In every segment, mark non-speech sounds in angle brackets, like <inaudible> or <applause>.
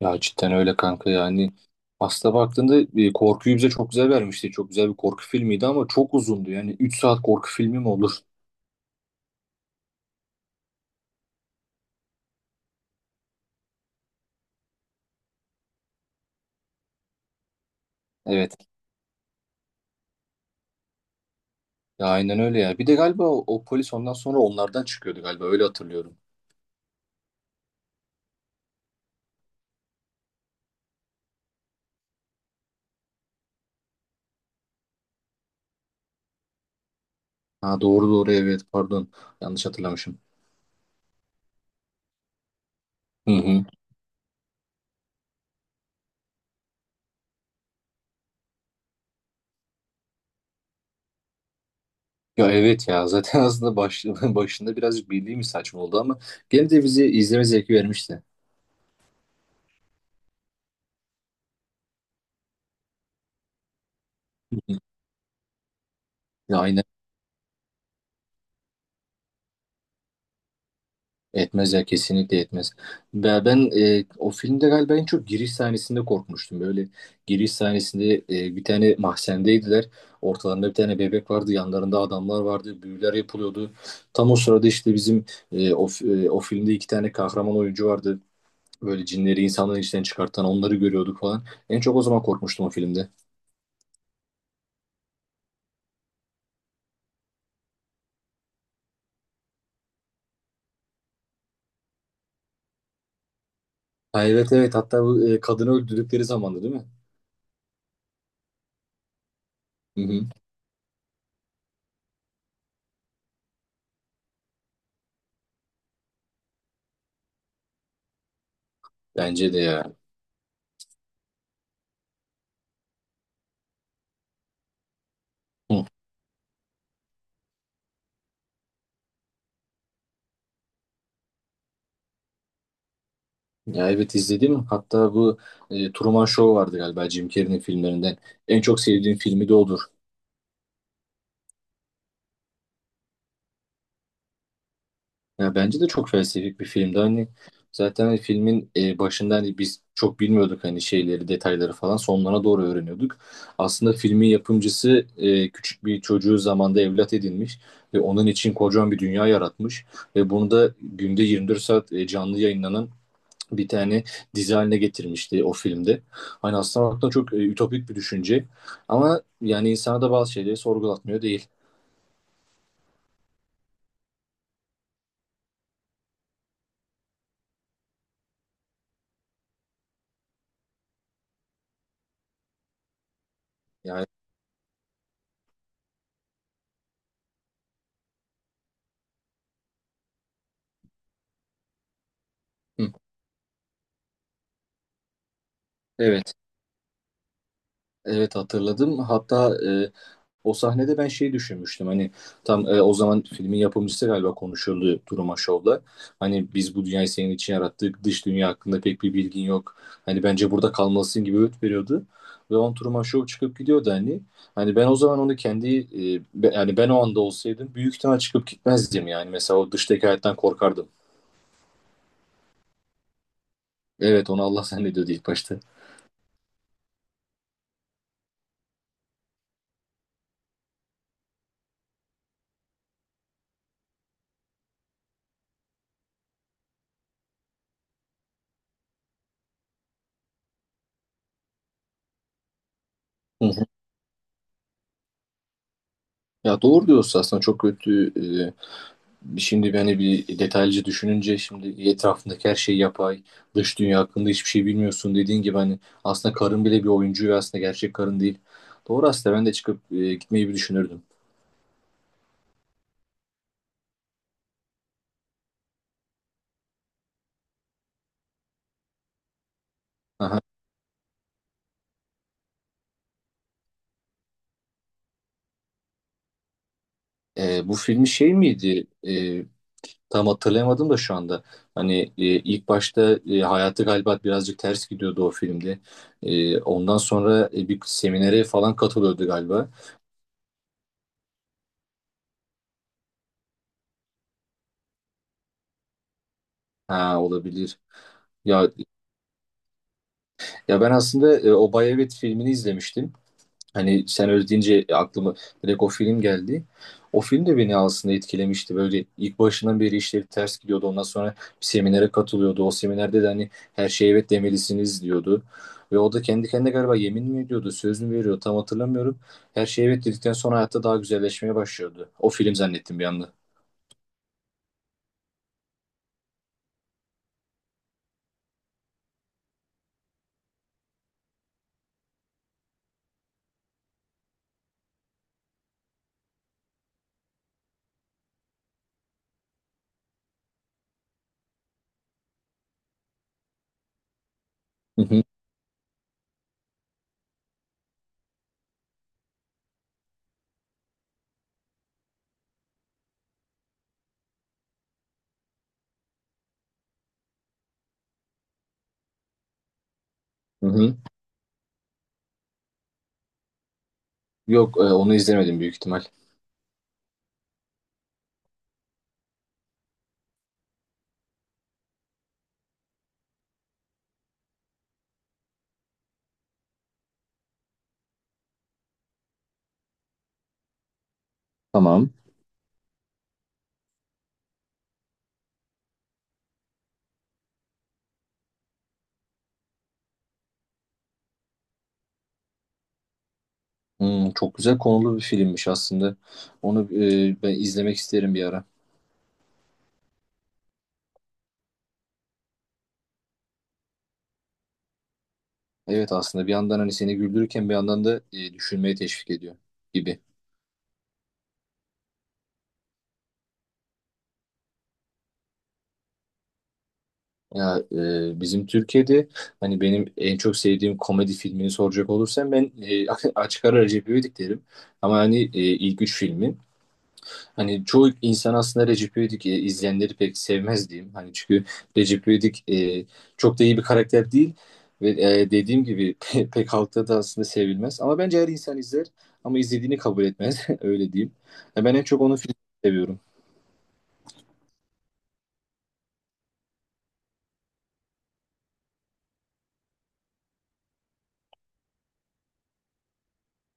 Ya cidden öyle kanka yani. Aslında baktığında korkuyu bize çok güzel vermişti. Çok güzel bir korku filmiydi ama çok uzundu. Yani 3 saat korku filmi mi olur? Evet. Ya aynen öyle ya. Bir de galiba o polis ondan sonra onlardan çıkıyordu galiba. Öyle hatırlıyorum. Ha, doğru doğru, evet, pardon. Yanlış hatırlamışım. Hı hı. Ya evet ya, <laughs> zaten aslında <laughs> başında birazcık bildiğimiz saçma oldu ama gene de bizi izleme zevki vermişti. Hı hı. Ya aynen. Etmez ya, kesinlikle etmez. Ben o filmde galiba en çok giriş sahnesinde korkmuştum. Böyle giriş sahnesinde bir tane mahzendeydiler. Ortalarında bir tane bebek vardı. Yanlarında adamlar vardı. Büyüler yapılıyordu. Tam o sırada işte bizim o filmde 2 tane kahraman oyuncu vardı. Böyle cinleri insanların içinden çıkartan onları görüyorduk falan. En çok o zaman korkmuştum o filmde. Ha, evet evet, hatta bu kadını öldürdükleri zamandı, değil mi? Hı hı. Bence de ya. Hı. Ya evet, izledim. Hatta bu Truman Show vardı galiba, Jim Carrey'nin filmlerinden. En çok sevdiğim filmi de odur. Ya bence de çok felsefik bir filmdi. Hani zaten hani filmin başında hani biz çok bilmiyorduk hani şeyleri, detayları falan. Sonlarına doğru öğreniyorduk. Aslında filmin yapımcısı küçük bir çocuğu zamanda evlat edinmiş ve onun için kocaman bir dünya yaratmış ve bunu da günde 24 saat canlı yayınlanan bir tane dizi haline getirmişti o filmde. Hani aslında baktığında çok ütopik bir düşünce ama yani insana da bazı şeyleri sorgulatmıyor değil. Yani hı, evet, evet hatırladım. Hatta o sahnede ben şey düşünmüştüm hani tam o zaman filmin yapımcısı galiba konuşuyordu Duruma Show'la. Hani biz bu dünyayı senin için yarattık. Dış dünya hakkında pek bir bilgin yok. Hani bence burada kalmalısın gibi öğüt veriyordu. Ve on Truman Show çıkıp gidiyordu hani. Hani ben o zaman onu kendi yani ben o anda olsaydım büyük ihtimal çıkıp gitmezdim yani. Mesela o dıştaki hayattan korkardım. Evet, onu Allah zannediyordu ilk başta. Hı hı. Ya doğru diyorsun, aslında çok kötü. e, Şimdi beni bir detaylıca düşününce şimdi etrafındaki her şey yapay, dış dünya hakkında hiçbir şey bilmiyorsun, dediğin gibi hani aslında karın bile bir oyuncu ve aslında gerçek karın değil. Doğru, aslında ben de çıkıp gitmeyi bir düşünürdüm. Aha. Bu filmi şey miydi? Tam hatırlayamadım da şu anda. Hani ilk başta hayatı galiba birazcık ters gidiyordu o filmde. Ondan sonra bir seminere falan katılıyordu galiba. Ha, olabilir. Ya, ya ben aslında Obay Evet filmini izlemiştim. Hani sen öyle deyince aklıma direkt o film geldi. O film de beni aslında etkilemişti. Böyle ilk başından beri işleri ters gidiyordu. Ondan sonra bir seminere katılıyordu. O seminerde de hani her şeye evet demelisiniz diyordu. Ve o da kendi kendine galiba yemin mi ediyordu, söz mü veriyor, tam hatırlamıyorum. Her şeye evet dedikten sonra hayatta daha güzelleşmeye başlıyordu. O film zannettim bir anda. Hı hı, hı hı. Yok, onu izlemedim büyük ihtimal. Tamam. Hmm, çok güzel konulu bir filmmiş aslında. Onu ben izlemek isterim bir ara. Evet, aslında bir yandan hani seni güldürürken bir yandan da düşünmeye teşvik ediyor gibi. Ya bizim Türkiye'de hani benim en çok sevdiğim komedi filmini soracak olursam ben <laughs> açık ara Recep İvedik derim. Ama hani ilk 3 filmi hani çoğu insan aslında Recep İvedik izleyenleri pek sevmez diyeyim. Hani çünkü Recep İvedik çok da iyi bir karakter değil ve dediğim gibi <laughs> pek halkta da aslında sevilmez. Ama bence her insan izler ama izlediğini kabul etmez <laughs> öyle diyeyim. Ya ben en çok onun filmini seviyorum.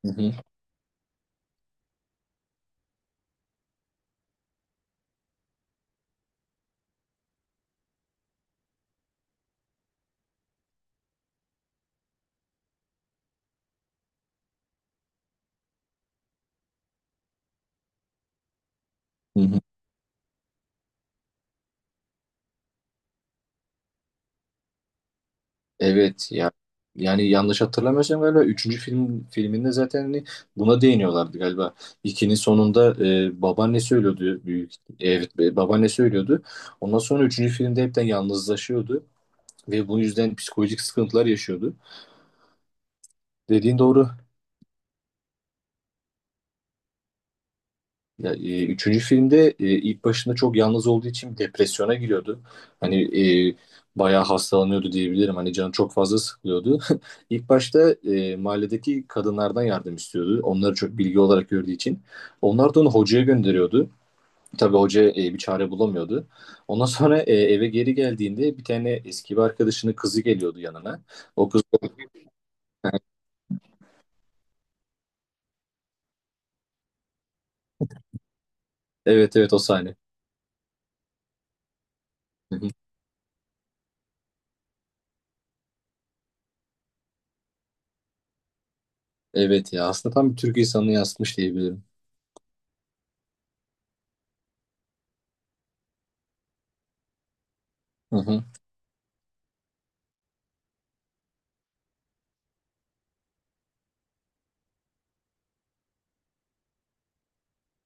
Hı hı, hı hı. Evet ya, yani yanlış hatırlamıyorsam galiba üçüncü film filminde zaten hani buna değiniyorlardı galiba. İkinin sonunda babaannesi ölüyordu büyük, evet, babaannesi ölüyordu. Ondan sonra üçüncü filmde hepten yalnızlaşıyordu ve bu yüzden psikolojik sıkıntılar yaşıyordu. Dediğin doğru. Ya, üçüncü filmde ilk başında çok yalnız olduğu için depresyona giriyordu. Hani e, bayağı hastalanıyordu diyebilirim. Hani canı çok fazla sıkılıyordu. <laughs> İlk başta mahalledeki kadınlardan yardım istiyordu. Onları çok bilgi olarak gördüğü için. Onlar da onu hocaya gönderiyordu. Tabii hoca bir çare bulamıyordu. Ondan sonra eve geri geldiğinde bir tane eski bir arkadaşının kızı geliyordu yanına. O kız, evet evet, o sahne. Hı hı. Evet ya, aslında tam bir Türk insanını yansıtmış diyebilirim. Hı hı.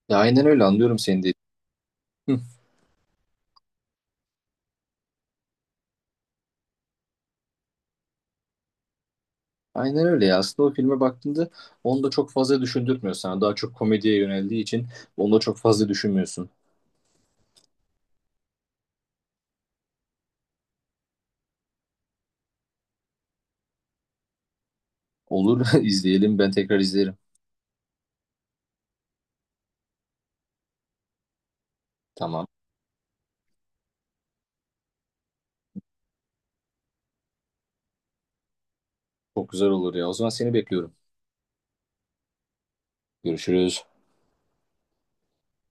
Ya aynen öyle, anlıyorum seni de. Aynen öyle ya. Aslında o filme baktığında onu da çok fazla düşündürtmüyor sana. Daha çok komediye yöneldiği için onu da çok fazla düşünmüyorsun. Olur, <laughs> izleyelim, ben tekrar izlerim. Tamam. Çok güzel olur ya. O zaman seni bekliyorum. Görüşürüz.